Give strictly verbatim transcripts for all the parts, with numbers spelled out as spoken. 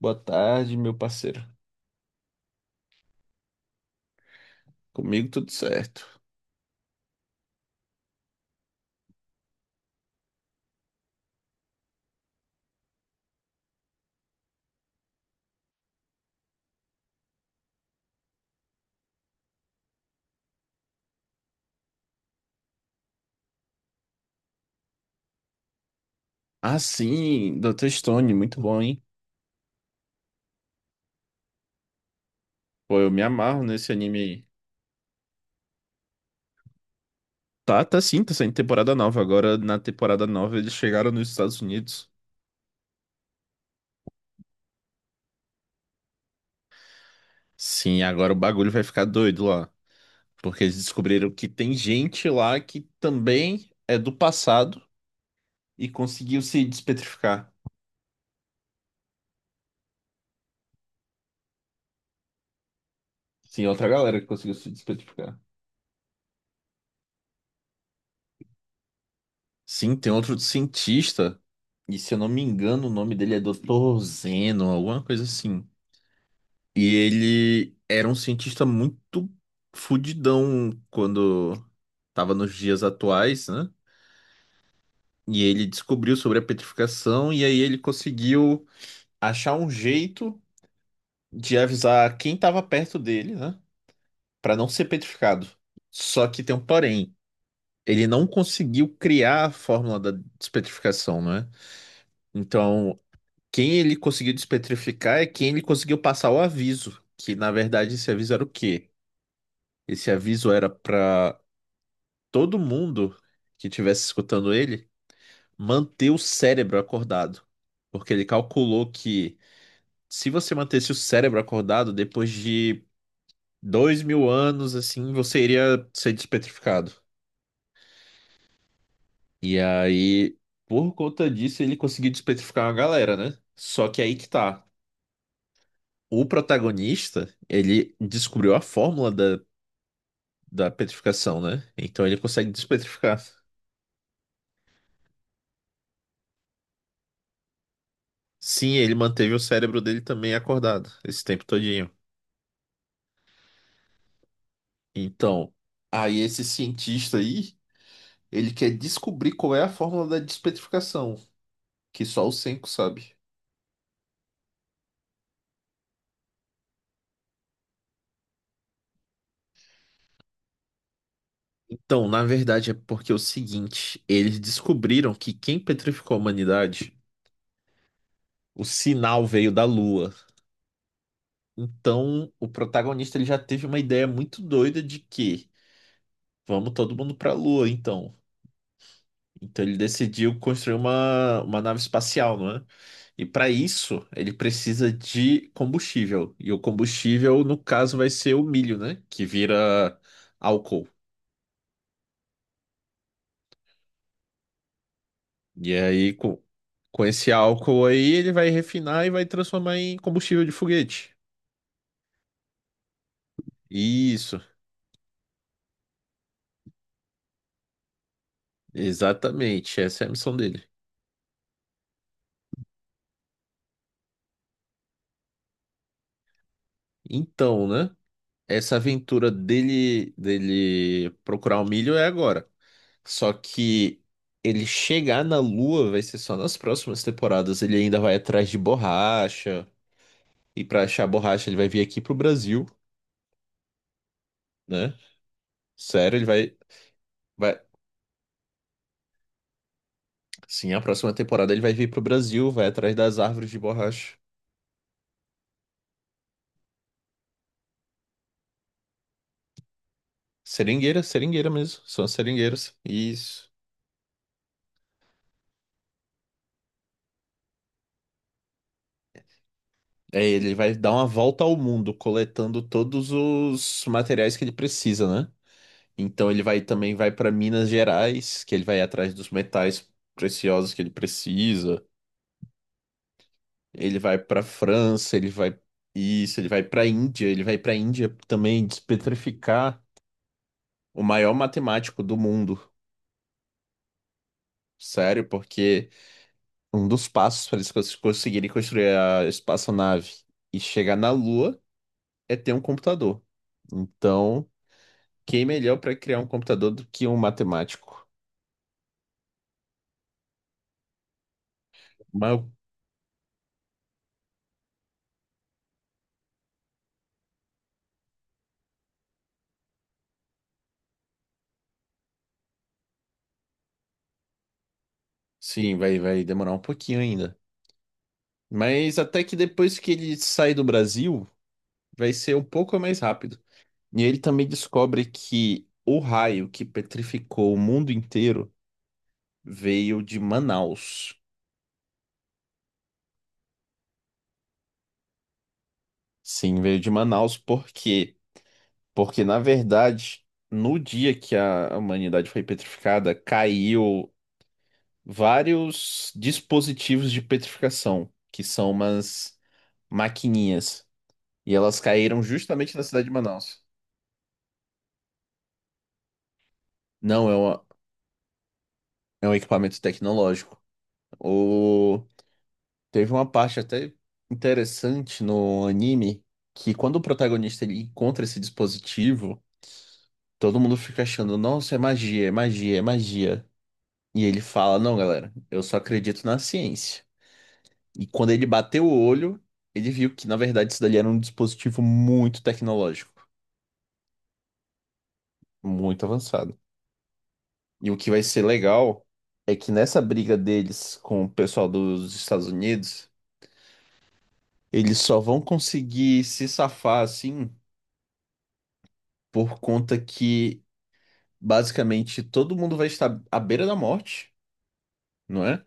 Boa tarde, meu parceiro. Comigo tudo certo. Ah, sim, doutor Stone, muito bom, hein? Pô, eu me amarro nesse anime aí. Tá, tá sim, tá saindo temporada nova. Agora, na temporada nova, eles chegaram nos Estados Unidos. Sim, agora o bagulho vai ficar doido lá. Porque eles descobriram que tem gente lá que também é do passado e conseguiu se despetrificar. Sim, outra galera que conseguiu se despetrificar. Sim, tem outro cientista, e se eu não me engano, o nome dele é doutor Zeno, alguma coisa assim. E ele era um cientista muito fudidão quando estava nos dias atuais, né? E ele descobriu sobre a petrificação e aí ele conseguiu achar um jeito de avisar quem estava perto dele, né? Para não ser petrificado. Só que tem um porém. Ele não conseguiu criar a fórmula da despetrificação, né? Então, quem ele conseguiu despetrificar é quem ele conseguiu passar o aviso, que na verdade esse aviso era o quê? Esse aviso era para todo mundo que estivesse escutando ele manter o cérebro acordado. Porque ele calculou que se você mantesse o cérebro acordado, depois de dois mil anos, assim, você iria ser despetrificado. E aí, por conta disso, ele conseguiu despetrificar uma galera, né? Só que aí que tá. O protagonista, ele descobriu a fórmula da, da petrificação, né? Então ele consegue despetrificar. Sim, ele manteve o cérebro dele também acordado esse tempo todo. Então, aí esse cientista aí, ele quer descobrir qual é a fórmula da despetrificação, que só o Senko sabe. Então, na verdade, é porque é o seguinte, eles descobriram que quem petrificou a humanidade, o sinal veio da Lua. Então, o protagonista ele já teve uma ideia muito doida de que vamos todo mundo pra Lua, então. Então ele decidiu construir uma, uma nave espacial, não é? E para isso, ele precisa de combustível. E o combustível, no caso, vai ser o milho, né? Que vira álcool. E aí, com, com esse álcool aí, ele vai refinar e vai transformar em combustível de foguete. Isso, exatamente. Essa é a missão dele. Então, né? Essa aventura dele, dele procurar o milho é agora. Só que ele chegar na Lua vai ser só nas próximas temporadas. Ele ainda vai atrás de borracha. E pra achar borracha, ele vai vir aqui pro Brasil, né? Sério, ele vai, vai. Sim, a próxima temporada ele vai vir pro Brasil, vai atrás das árvores de borracha. Seringueira, seringueira mesmo. São as seringueiras. Isso. É, ele vai dar uma volta ao mundo, coletando todos os materiais que ele precisa, né? Então ele vai também vai para Minas Gerais, que ele vai atrás dos metais preciosos que ele precisa. Ele vai pra França, ele vai isso, ele vai pra Índia, ele vai pra Índia também despetrificar o maior matemático do mundo. Sério, porque um dos passos para eles cons- conseguirem construir a espaçonave e chegar na Lua é ter um computador. Então, quem melhor para criar um computador do que um matemático? Mas, sim, vai, vai demorar um pouquinho ainda. Mas até que depois que ele sai do Brasil, vai ser um pouco mais rápido. E ele também descobre que o raio que petrificou o mundo inteiro veio de Manaus. Sim, veio de Manaus por quê? Porque, na verdade, no dia que a humanidade foi petrificada, caiu vários dispositivos de petrificação, que são umas maquininhas. E elas caíram justamente na cidade de Manaus. Não, é, uma, é um equipamento tecnológico. O Teve uma parte até interessante no anime que quando o protagonista ele encontra esse dispositivo, todo mundo fica achando, nossa, é magia, é magia, é magia. E ele fala, não, galera, eu só acredito na ciência. E quando ele bateu o olho, ele viu que, na verdade, isso dali era um dispositivo muito tecnológico, muito avançado. E o que vai ser legal é que nessa briga deles com o pessoal dos Estados Unidos, eles só vão conseguir se safar assim por conta que basicamente todo mundo vai estar à beira da morte, não é?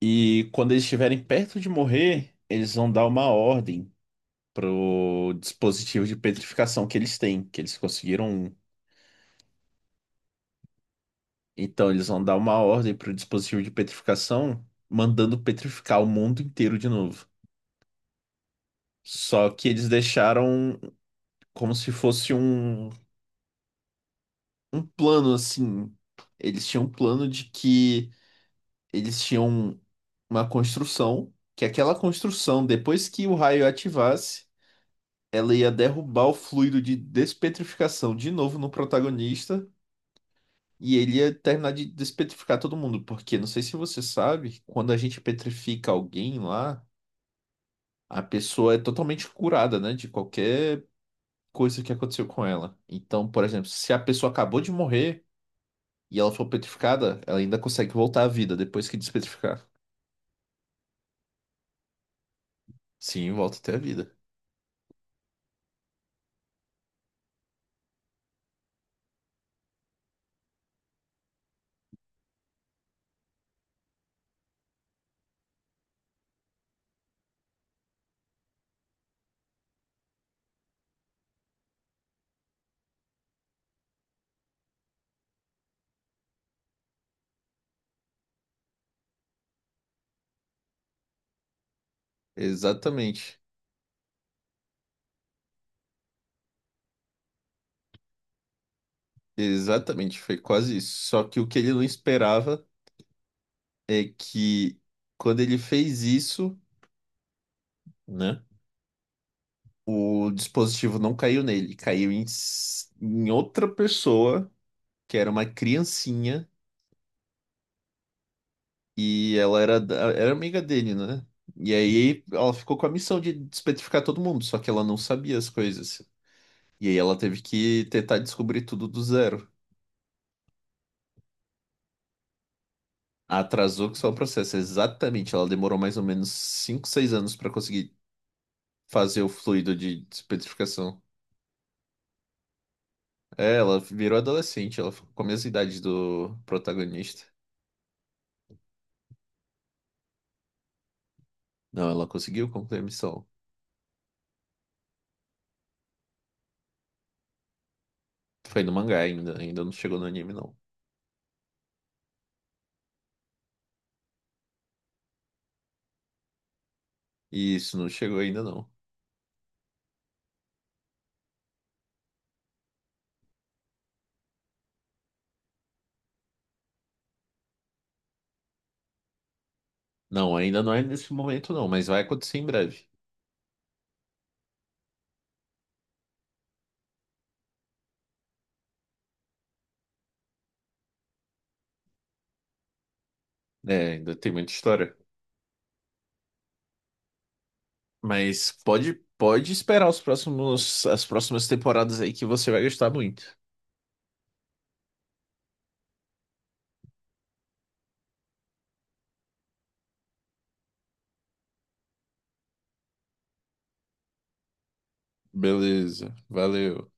E quando eles estiverem perto de morrer, eles vão dar uma ordem pro dispositivo de petrificação que eles têm, que eles conseguiram. um. Então eles vão dar uma ordem pro dispositivo de petrificação, mandando petrificar o mundo inteiro de novo. Só que eles deixaram como se fosse um, um plano assim. Eles tinham um plano de que eles tinham uma construção, que aquela construção, depois que o raio ativasse, ela ia derrubar o fluido de despetrificação de novo no protagonista. E ele ia terminar de despetrificar todo mundo, porque não sei se você sabe, quando a gente petrifica alguém lá, a pessoa é totalmente curada, né, de qualquer coisa que aconteceu com ela. Então, por exemplo, se a pessoa acabou de morrer e ela for petrificada, ela ainda consegue voltar à vida depois que despetrificar. Sim, volta até a vida. Exatamente. Exatamente, foi quase isso. Só que o que ele não esperava é que quando ele fez isso, né, o dispositivo não caiu nele, caiu em, s- em outra pessoa, que era uma criancinha, e ela era, da- era amiga dele, né? E aí ela ficou com a missão de despetrificar todo mundo, só que ela não sabia as coisas. E aí ela teve que tentar descobrir tudo do zero. Atrasou que só o processo, exatamente. Ela demorou mais ou menos cinco seis anos para conseguir fazer o fluido de despetrificação. É, ela virou adolescente, ela ficou com a mesma idade do protagonista. Não, ela conseguiu concluir a missão. Foi no mangá ainda, ainda não chegou no anime, não. Isso, não chegou ainda, não. Não, ainda não é nesse momento, não, mas vai acontecer em breve. É, ainda tem muita história. Mas pode, pode esperar os próximos, as próximas temporadas aí que você vai gostar muito. Beleza, valeu.